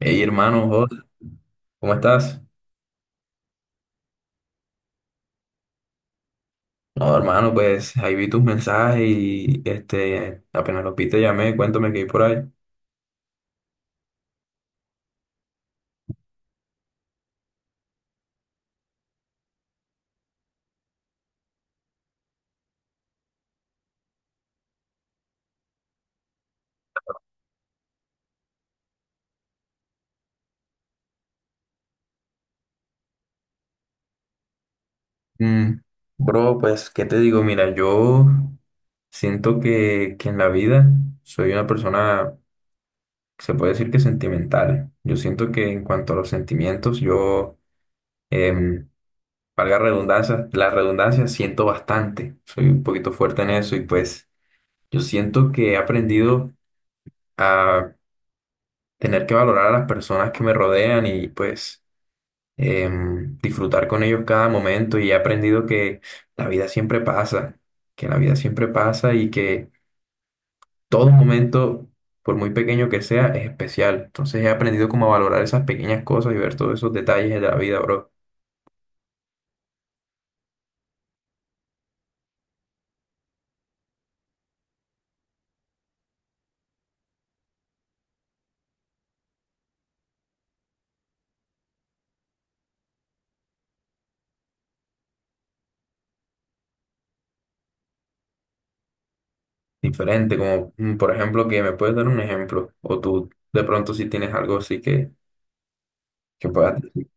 Hey hermano, joder, ¿cómo estás? No, hermano, pues ahí vi tus mensajes y este, apenas los vi te llamé, cuéntame qué hay por ahí. Mm, bro, pues, ¿qué te digo? Mira, yo siento que en la vida soy una persona, se puede decir que sentimental. Yo siento que en cuanto a los sentimientos, yo, em, valga redundancia, la redundancia, siento bastante. Soy un poquito fuerte en eso y pues yo siento que he aprendido a tener que valorar a las personas que me rodean y pues disfrutar con ellos cada momento y he aprendido que la vida siempre pasa, que la vida siempre pasa y que todo momento, por muy pequeño que sea, es especial. Entonces he aprendido como a valorar esas pequeñas cosas y ver todos esos detalles de la vida, bro. Diferente, como por ejemplo, que me puedes dar un ejemplo, o tú de pronto si tienes algo así que puedas decir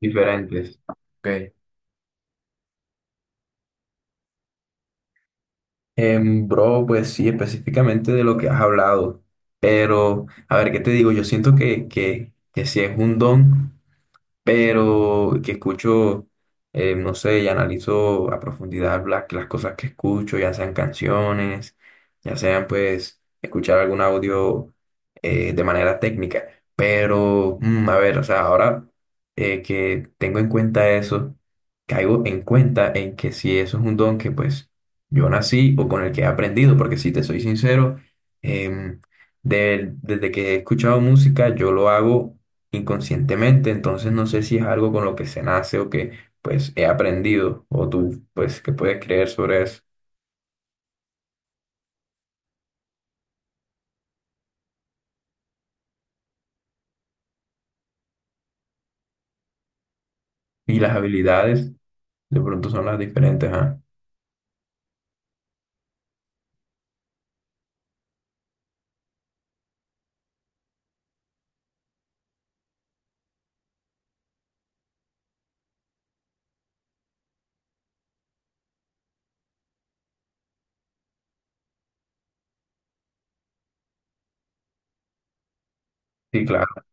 diferentes. Ok. Bro, pues sí, específicamente de lo que has hablado. Pero, a ver, ¿qué te digo? Yo siento que sí es un don, pero que escucho, no sé, y analizo a profundidad las cosas que escucho, ya sean canciones, ya sean pues escuchar algún audio de manera técnica. Pero, mm, a ver, o sea, ahora que tengo en cuenta eso, caigo en cuenta en que si eso es un don que pues yo nací o con el que he aprendido, porque si te soy sincero, em, desde que he escuchado música, yo lo hago inconscientemente, entonces no sé si es algo con lo que se nace o que pues he aprendido o tú pues que puedes creer sobre eso. Y las habilidades de pronto son las diferentes, ¿ah? Sí, claro.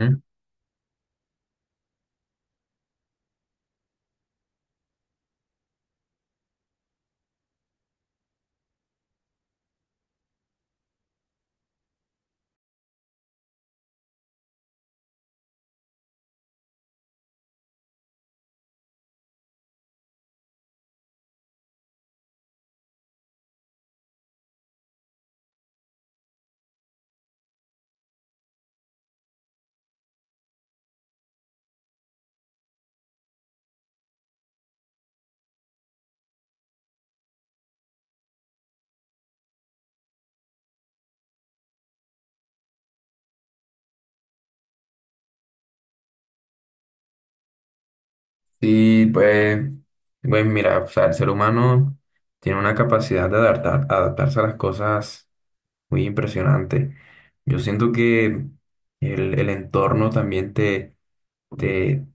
Ujú. Sí, pues, pues mira, o sea, el ser humano tiene una capacidad de adaptar, adaptarse a las cosas muy impresionante. Yo siento que el entorno también te te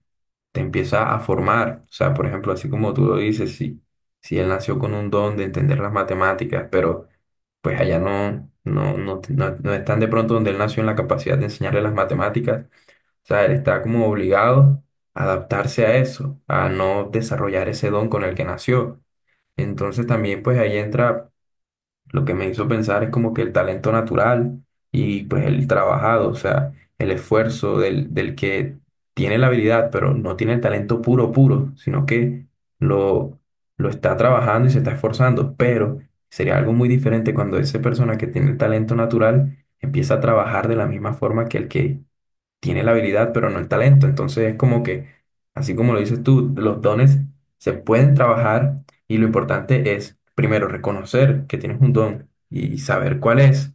te empieza a formar. O sea, por ejemplo, así como tú lo dices, si, si él nació con un don de entender las matemáticas, pero pues allá no están de pronto donde él nació en la capacidad de enseñarle las matemáticas. O sea, él está como obligado a adaptarse a eso, a no desarrollar ese don con el que nació. Entonces también pues ahí entra lo que me hizo pensar es como que el talento natural y pues el trabajado, o sea, el esfuerzo del que tiene la habilidad, pero no tiene el talento puro, puro, sino que lo, lo está trabajando y se está esforzando. Pero sería algo muy diferente cuando esa persona que tiene el talento natural empieza a trabajar de la misma forma que el que tiene la habilidad, pero no el talento. Entonces es como que, así como lo dices tú, los dones se pueden trabajar y lo importante es, primero, reconocer que tienes un don y saber cuál es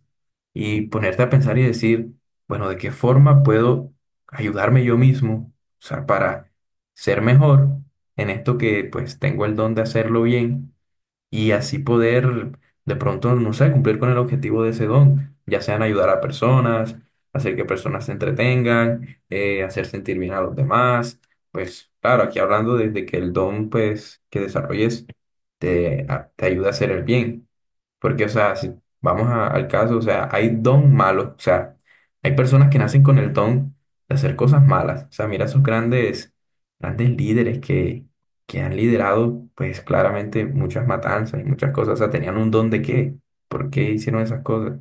y ponerte a pensar y decir, bueno, ¿de qué forma puedo ayudarme yo mismo? O sea, para ser mejor en esto que pues tengo el don de hacerlo bien y así poder de pronto, no sé, cumplir con el objetivo de ese don, ya sean ayudar a personas, hacer que personas se entretengan, hacer sentir bien a los demás. Pues claro, aquí hablando desde que el don pues que desarrolles te ayuda a hacer el bien. Porque, o sea, si vamos al caso, o sea, hay don malos, o sea, hay personas que nacen con el don de hacer cosas malas. O sea, mira esos grandes, grandes líderes que han liderado, pues claramente muchas matanzas y muchas cosas. O sea, tenían un don de qué, ¿por qué hicieron esas cosas?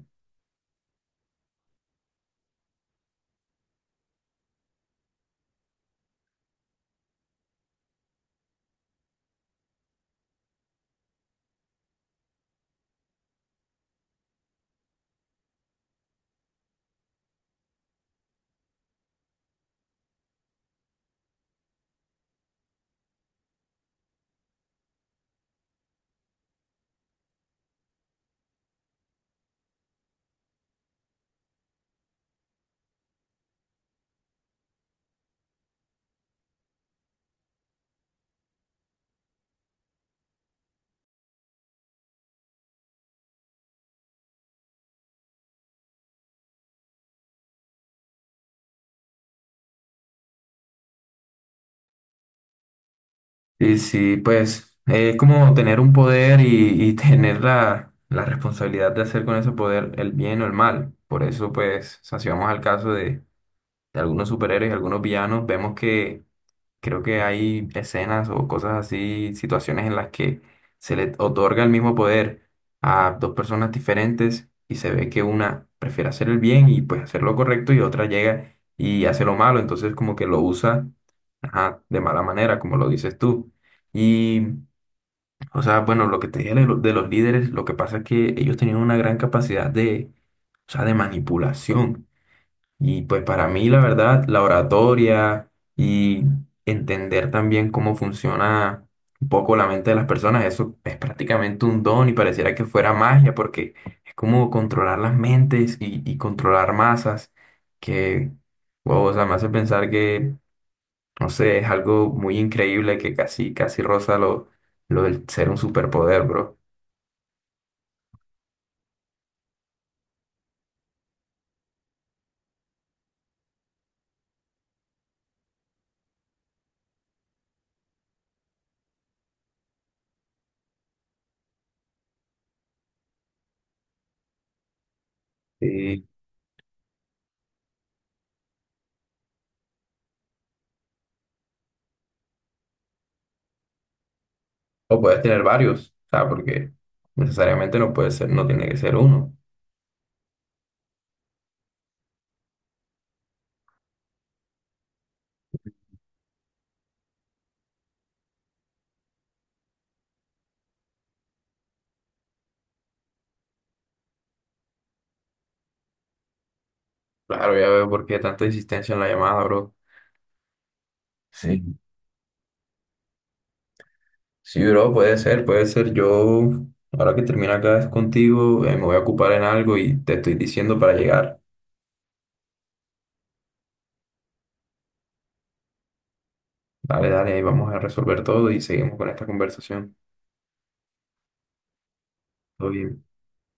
Y sí, pues es como tener un poder y tener la responsabilidad de hacer con ese poder el bien o el mal. Por eso, pues, o sea, si vamos al caso de algunos superhéroes y algunos villanos, vemos que creo que hay escenas o cosas así, situaciones en las que se le otorga el mismo poder a dos personas diferentes y se ve que una prefiere hacer el bien y pues hacer lo correcto y otra llega y hace lo malo, entonces como que lo usa, ajá, de mala manera, como lo dices tú. Y, o sea, bueno, lo que te dije de, de los líderes, lo que pasa es que ellos tenían una gran capacidad de, o sea, de manipulación. Y pues para mí, la verdad, la oratoria y entender también cómo funciona un poco la mente de las personas, eso es prácticamente un don y pareciera que fuera magia, porque es como controlar las mentes y controlar masas, que, wow, o sea, me hace pensar que, no sé, es algo muy increíble que casi, casi roza lo del ser un superpoder, bro. Y- o puedes tener varios, o sea, porque necesariamente no puede ser, no tiene que ser uno. Claro, ya veo por qué tanta insistencia en la llamada, bro. Sí. Sí, bro, puede ser, puede ser. Yo, ahora que termina acá es contigo, me voy a ocupar en algo y te estoy diciendo para llegar. Dale, dale, ahí vamos a resolver todo y seguimos con esta conversación. Todo bien.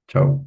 Chao.